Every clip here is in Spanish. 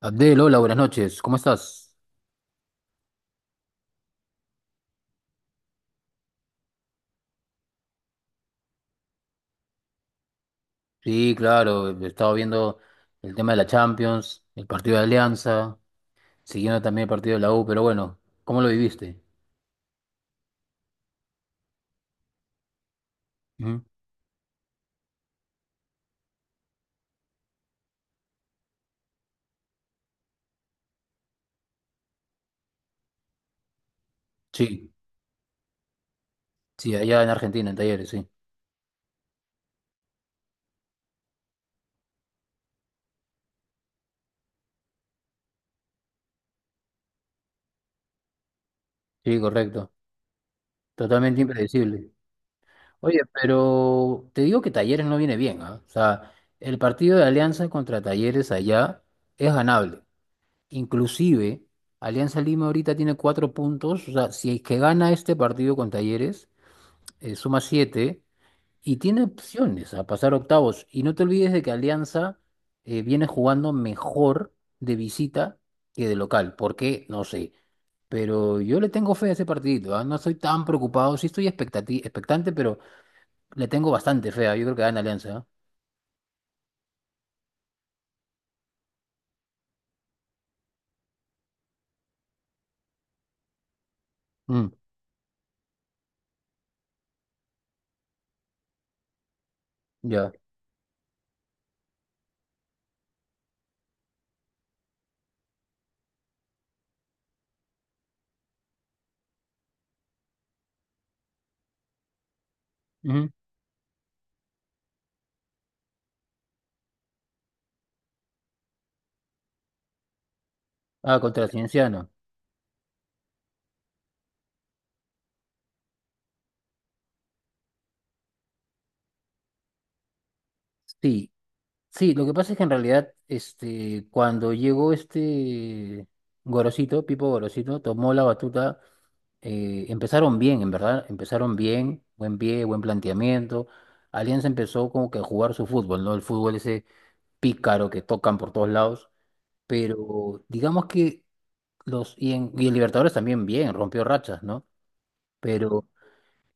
Abdel, hola, buenas noches. ¿Cómo estás? Sí, claro, he estado viendo el tema de la Champions, el partido de Alianza, siguiendo también el partido de la U, pero bueno, ¿cómo lo viviste? Ujú. Sí, sí, allá en Argentina, en Talleres, sí. Sí, correcto. Totalmente impredecible. Oye, pero te digo que Talleres no viene bien, ¿ah? O sea, el partido de Alianza contra Talleres allá es ganable. Inclusive, Alianza Lima ahorita tiene cuatro puntos, o sea, si es que gana este partido con Talleres suma 7 y tiene opciones a pasar octavos. Y no te olvides de que Alianza viene jugando mejor de visita que de local. ¿Por qué? No sé. Pero yo le tengo fe a ese partidito, ¿ah? No estoy tan preocupado. Sí estoy expectante, pero le tengo bastante fe. ¿Ah? Yo creo que gana Alianza. ¿Ah? Mm, ya. Ujú. Ah, contra Cienciano. Sí, sí, lo que pasa es que en realidad, este, cuando llegó este Gorosito, Pipo Gorosito, tomó la batuta empezaron bien, en verdad, empezaron bien, buen pie, buen planteamiento. Alianza empezó como que a jugar su fútbol, ¿no? El fútbol ese pícaro que tocan por todos lados, pero digamos que los, y en Libertadores también bien, rompió rachas, ¿no? Pero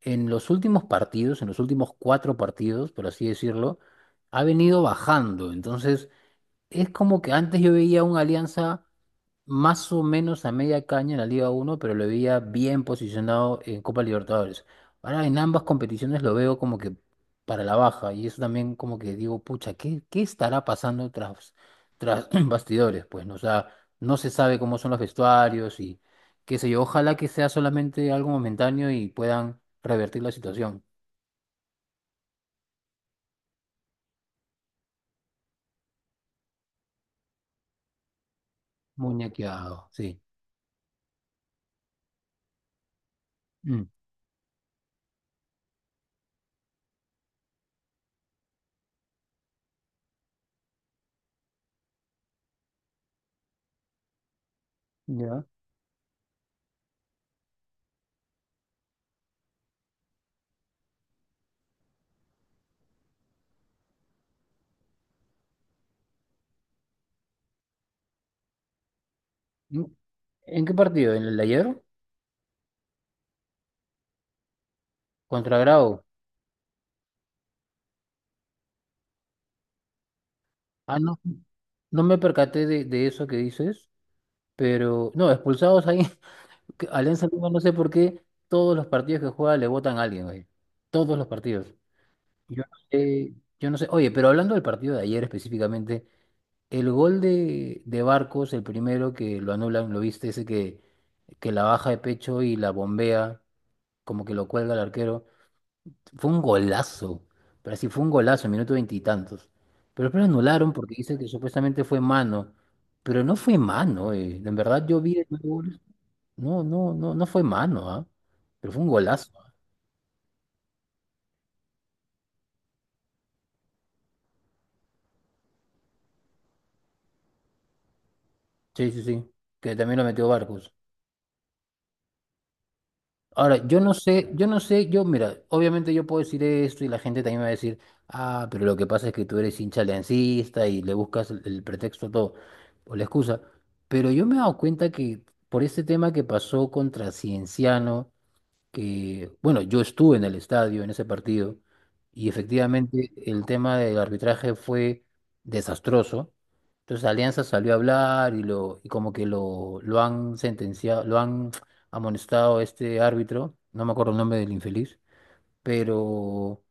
en los últimos partidos, en los últimos cuatro partidos, por así decirlo, ha venido bajando. Entonces, es como que antes yo veía una Alianza más o menos a media caña en la Liga uno pero lo veía bien posicionado en Copa Libertadores. Ahora en ambas competiciones lo veo como que para la baja y eso también como que digo, pucha, ¿qué estará pasando tras, tras bastidores? Pues no, o sea, no se sabe cómo son los vestuarios y qué sé yo, ojalá que sea solamente algo momentáneo y puedan revertir la situación. Muñequeado, sí. Mm, ¿Ya? ¿En en qué partido? ¿En el de ayer? ¿Contra Grau? Ah, no. No me percaté de eso que dices, pero no, expulsados ahí, que Alianza Lima, no sé por qué, todos los partidos que juega le votan a alguien, güey. Todos los partidos. Yo no sé, yo no sé. Oye, pero hablando del partido de ayer específicamente, el gol de Barcos, el primero que lo anulan, lo viste, ese que la baja de pecho y la bombea, como que lo cuelga el arquero. Fue un golazo. Pero sí fue un golazo, minuto veintitantos. Pero después lo anularon porque dice que supuestamente fue mano. Pero no fue mano, eh. En verdad yo vi el gol. No, no, no, no fue mano, ¿ah? Pero fue un golazo. Sí, sí, sí. Que también lo metió Barcos. Ahora, yo no sé, yo no sé, yo, mira, obviamente yo puedo decir esto y la gente también me va a decir, ah, pero lo que pasa es que tú eres hincha aliancista y le buscas el pretexto a todo, o la excusa. Pero yo me he dado cuenta que por este tema que pasó contra Cienciano, que, bueno, yo estuve en el estadio en ese partido y efectivamente el tema del arbitraje fue desastroso. Entonces Alianza salió a hablar y lo y como que lo han sentenciado, lo han amonestado a este árbitro, no me acuerdo el nombre del infeliz, pero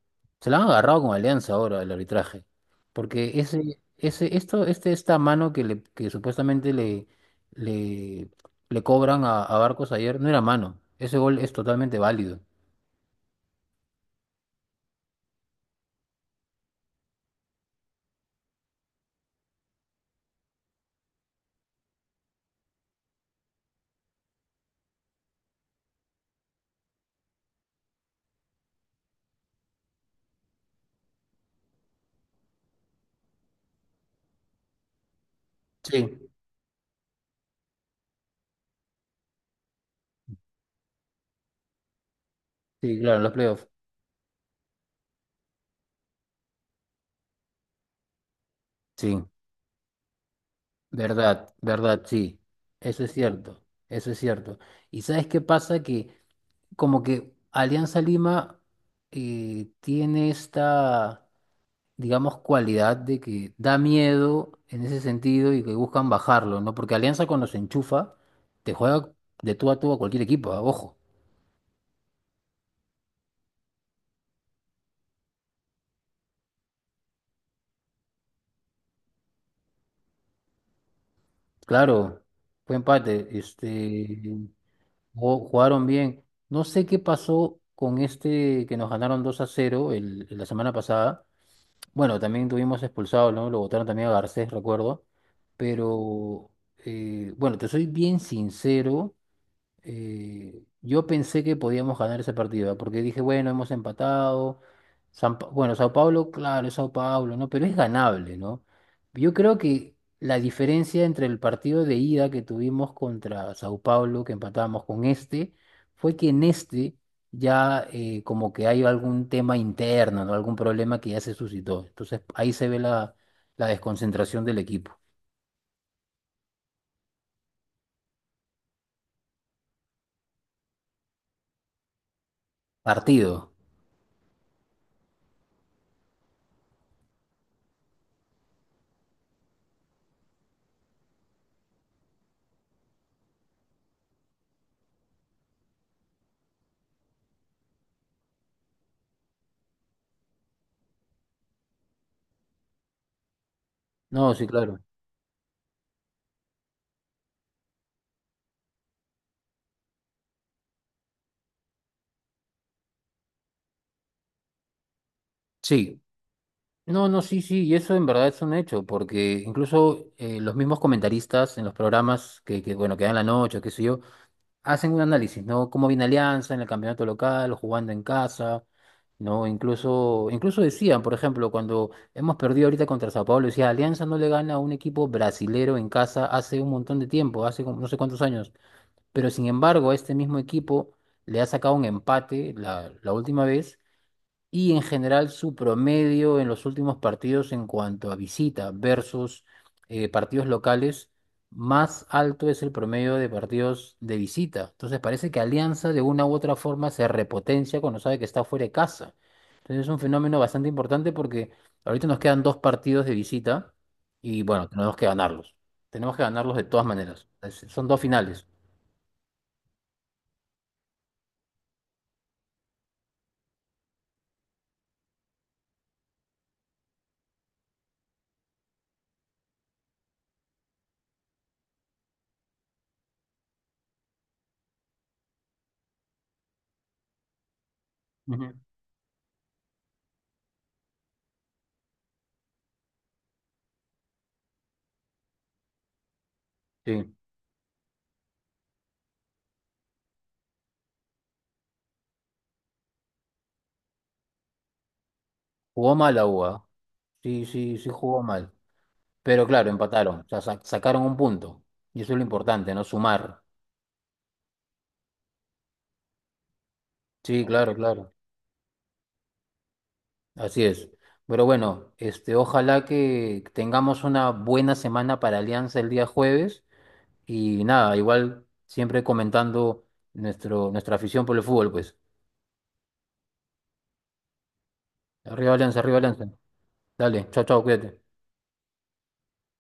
se la han agarrado con Alianza ahora el arbitraje, porque esta mano que le, que supuestamente le, le, le cobran a Barcos ayer, no era mano, ese gol es totalmente válido. Sí, sí, claro, los playoffs. Sí, verdad, verdad, sí. Eso es cierto, eso es cierto. ¿Y sabes qué pasa? Que como que Alianza Lima tiene esta digamos, cualidad de que da miedo en ese sentido y que buscan bajarlo, ¿no? Porque Alianza cuando se enchufa, te juega de tú a tú a cualquier equipo, ah, Ojo. Claro, fue empate, este, jugaron bien. No sé qué pasó con este que nos ganaron 2 a cero la semana pasada. Bueno, también tuvimos expulsado, ¿no? Lo votaron también a Garcés, recuerdo. Pero, bueno, te soy bien sincero. Yo pensé que podíamos ganar ese partido, ¿ah? Porque dije, bueno, hemos empatado. Bueno, Sao Paulo, claro, es Sao Paulo, ¿no? Pero es ganable, ¿no? Yo creo que la diferencia entre el partido de ida que tuvimos contra Sao Paulo, que empatamos con este, fue que en este ya como que hay algún tema interno, ¿no? Algún problema que ya se suscitó. Entonces ahí se ve la, la desconcentración del equipo. Partido. No, sí, claro. Sí. No, no, sí, sí, y eso en verdad es un hecho, porque incluso los mismos comentaristas en los programas que bueno, que dan la noche, qué sé yo, hacen un análisis, ¿no? Cómo viene Alianza en el campeonato local, jugando en casa, ¿no? Incluso, incluso decían, por ejemplo, cuando hemos perdido ahorita contra Sao Paulo, decía, Alianza no le gana a un equipo brasilero en casa hace un montón de tiempo, hace como no sé cuántos años, pero sin embargo, a este mismo equipo le ha sacado un empate la, la última vez y en general su promedio en los últimos partidos en cuanto a visita versus partidos locales, más alto es el promedio de partidos de visita. Entonces parece que Alianza de una u otra forma se repotencia cuando sabe que está fuera de casa. Entonces es un fenómeno bastante importante porque ahorita nos quedan dos partidos de visita y bueno, tenemos que ganarlos. Tenemos que ganarlos de todas maneras. Es- son dos finales. Ujú. Sí, jugó mal la UA. Sí, sí, sí jugó mal. Pero claro, empataron, o sea, sacaron un punto. Y eso es lo importante, ¿no? Sumar. Sí, claro, claro. Así es. Pero bueno, este, ojalá que tengamos una buena semana para Alianza el día jueves. Y nada, igual siempre comentando nuestro, nuestra afición por el fútbol, pues. Arriba Alianza, arriba Alianza. Dale, chao, chao, cuídate.